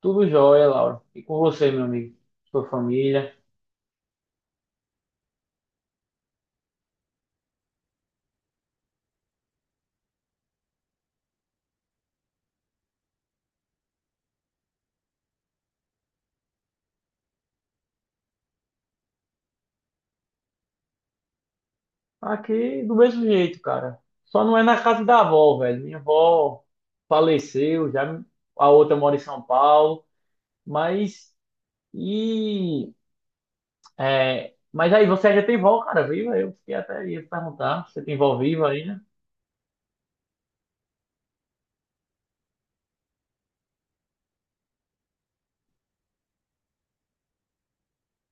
Tudo jóia, Laura. E com você, meu amigo? Sua família? Aqui do mesmo jeito, cara. Só não é na casa da avó, velho. Minha avó faleceu, já a outra mora em São Paulo. Mas e mas aí você já tem vó, cara, viva? Eu fiquei até ia perguntar, você tem vó viva aí, né?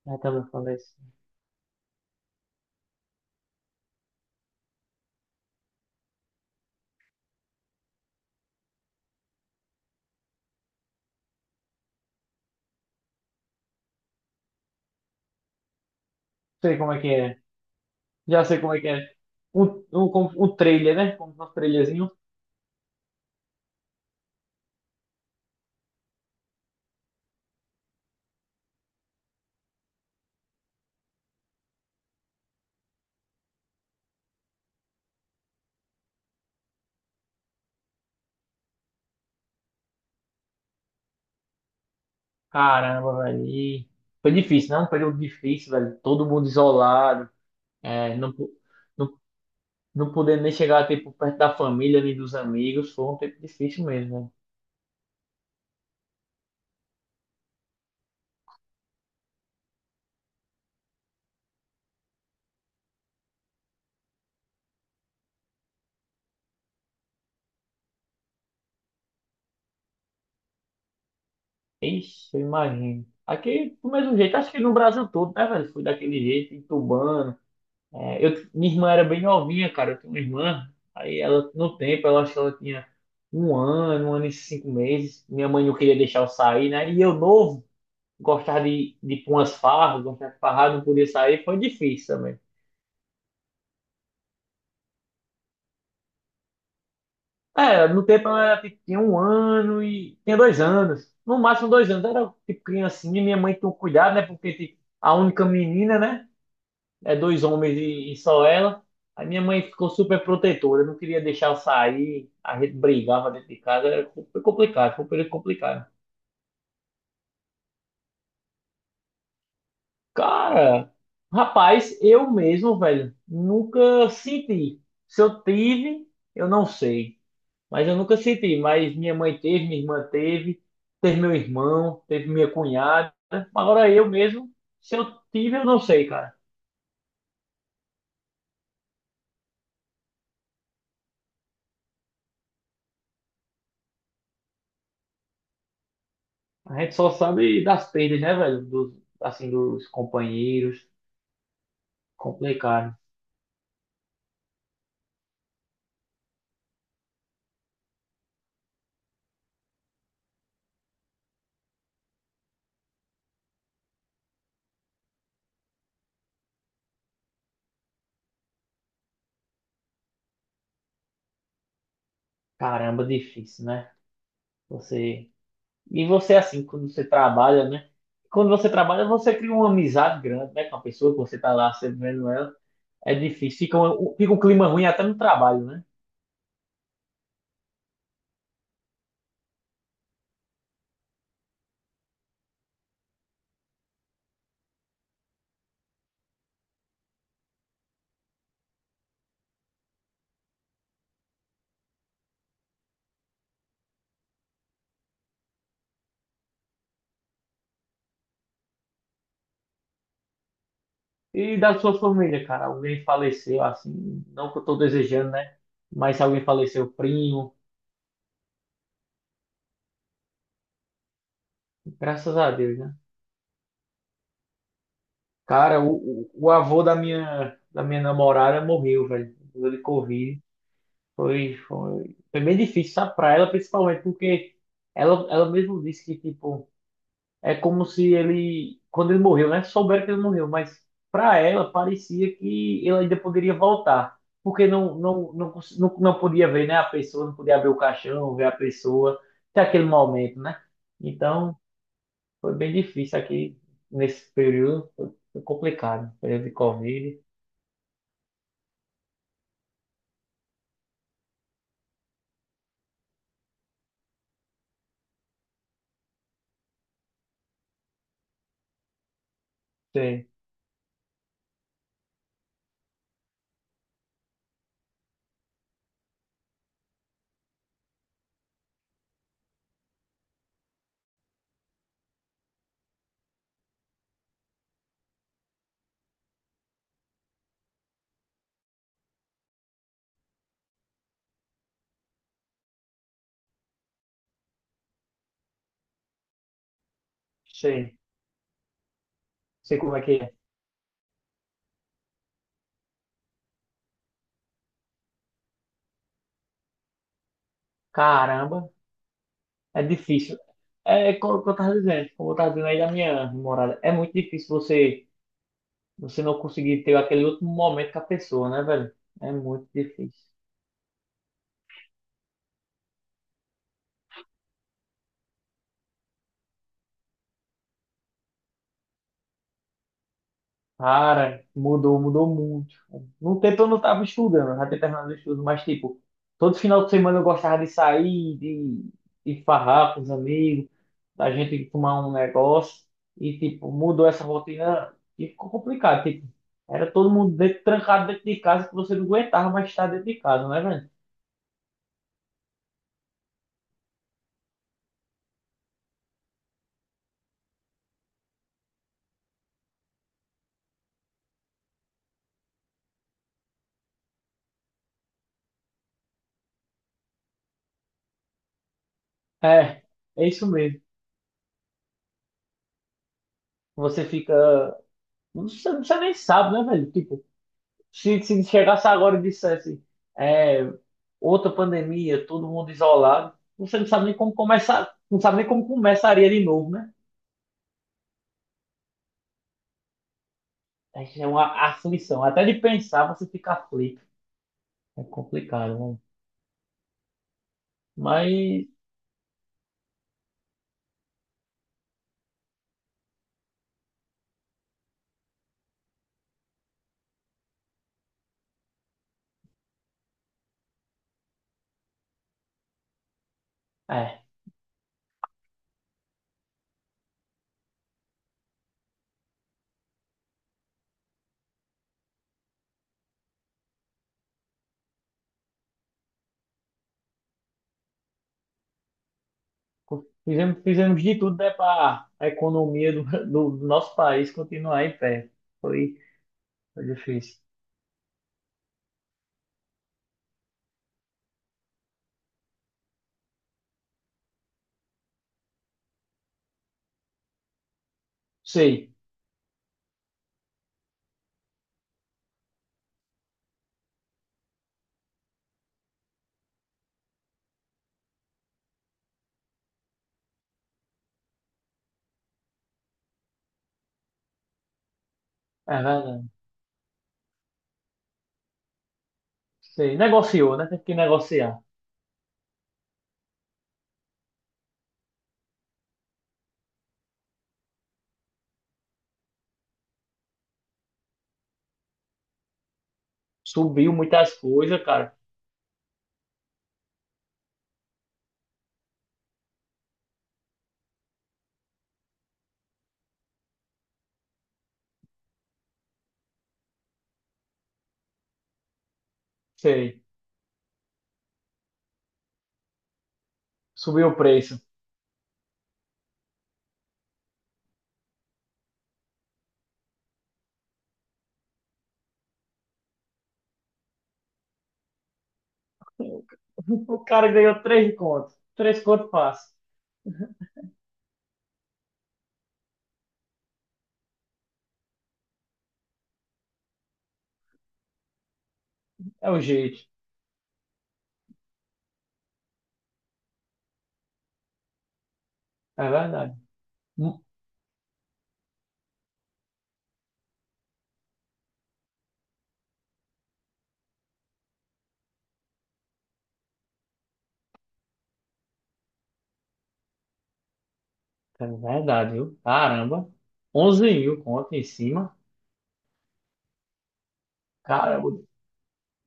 É, também faleceu. Sei como é que é. Já sei como é que é. Um, um, um trailer, né? Como um trailerzinho. Caramba, velho. E foi difícil, não? Um período difícil, velho. Todo mundo isolado. É, não, pu- não, não, podendo nem chegar tipo, perto da família nem dos amigos. Foi um tempo difícil mesmo, né? Ixi, eu imagino. Aqui, do mesmo jeito, acho que no Brasil todo, né, velho? Fui daquele jeito, entubando. Minha irmã era bem novinha, cara. Eu tenho uma irmã. Aí ela, no tempo, ela achou que ela tinha um ano e cinco meses. Minha mãe não queria deixar eu sair, né? E eu novo. Gostar de ir pra umas farras, gostar de farrar, não poder sair, foi difícil também. No tempo eu era, tipo, tinha um ano e tinha dois anos. No máximo dois anos. Eu era tipo criancinha, minha mãe tinha um cuidado, né? Porque tipo, a única menina, né? É dois homens e só ela. A minha mãe ficou super protetora, não queria deixar eu sair, a gente brigava dentro de casa, era foi complicado, foi um período complicado. Cara, rapaz, eu mesmo, velho, nunca senti. Se eu tive, eu não sei. Mas eu nunca senti, mas minha mãe teve, minha irmã teve, teve meu irmão, teve minha cunhada. Agora eu mesmo, se eu tive, eu não sei, cara. A gente só sabe das perdas, né, velho? Dos, assim, dos companheiros. Complicado. Caramba, difícil, né? Você. E você, assim, quando você trabalha, né? Quando você trabalha, você cria uma amizade grande, né? Com a pessoa que você tá lá sempre vendo ela. É difícil. Fica um clima ruim até no trabalho, né? E da sua família, cara, alguém faleceu, assim, não que eu tô desejando, né? Mas se alguém faleceu, primo, graças a Deus, né? Cara, o avô da minha namorada morreu, velho, de Covid. Foi bem difícil, sabe, pra ela, principalmente porque ela mesmo disse que, tipo, é como se ele, quando ele morreu, né? Souberam que ele morreu, mas para ela parecia que ele ainda poderia voltar, porque não podia ver, né? A pessoa, não podia abrir o caixão, ver a pessoa, até aquele momento, né? Então, foi bem difícil aqui nesse período, foi complicado, período de Covid. Sei, sei, sei como é que é. Caramba, é difícil. É como eu tava dizendo, aí da minha namorada, é muito difícil você não conseguir ter aquele último momento com a pessoa, né, velho? É muito difícil. Cara, mudou, mudou muito. No tempo eu não tava estudando, eu já tinha terminado o estudo, mas tipo, todo final de semana eu gostava de sair, de farrar com os amigos, da gente tomar um negócio. E tipo, mudou essa rotina e ficou complicado. Tipo, era todo mundo dentro, trancado dentro de casa que você não aguentava mais estar dentro de casa, né, velho? É, é isso mesmo. Você fica. Você nem sabe, né, velho? Tipo, se chegasse agora e dissesse, é, outra pandemia, todo mundo isolado, você não sabe nem como começar, não sabe nem como começaria de novo, né? É uma aflição. Até de pensar, você fica aflito. É complicado, né? Mas, é, fizemos de tudo, né, para a economia do nosso país continuar em pé. Foi, foi difícil. Sei, é verdade. Sei. Negociou, né? Teve que negociar. Subiu muitas coisas, cara. Sei. Subiu o preço. O cara ganhou três contos. Três contos passa. É o jeito. É verdade. Hum, É verdade, viu? Caramba. 11 mil conto em cima. Caramba.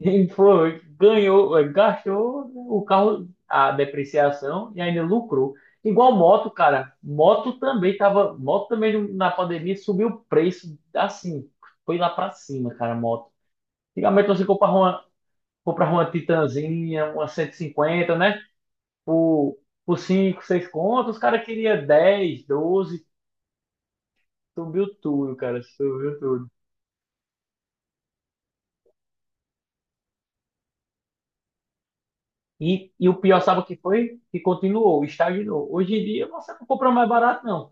Ele foi, ganhou, gastou né, o carro, a depreciação e ainda lucrou. Igual moto, cara. Moto também tava. Moto também na pandemia subiu o preço assim. Foi lá pra cima, cara, moto. Antigamente comprava uma Titanzinha, uma 150, né? por, por 5 6 contos, os caras queriam 10, 12, subiu tudo, cara, subiu tudo. E o pior, sabe o que foi? Que continuou, estagnou. Hoje em dia você não compra mais barato, não.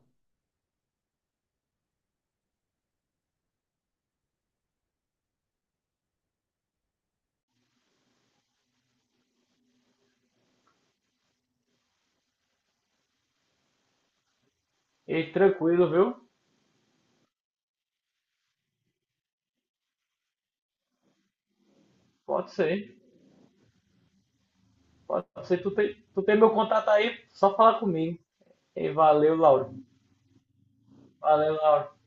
E tranquilo, viu? Pode ser. Pode ser. Tu tem meu contato aí, só falar comigo. E valeu, Lauro. Valeu, Lauro.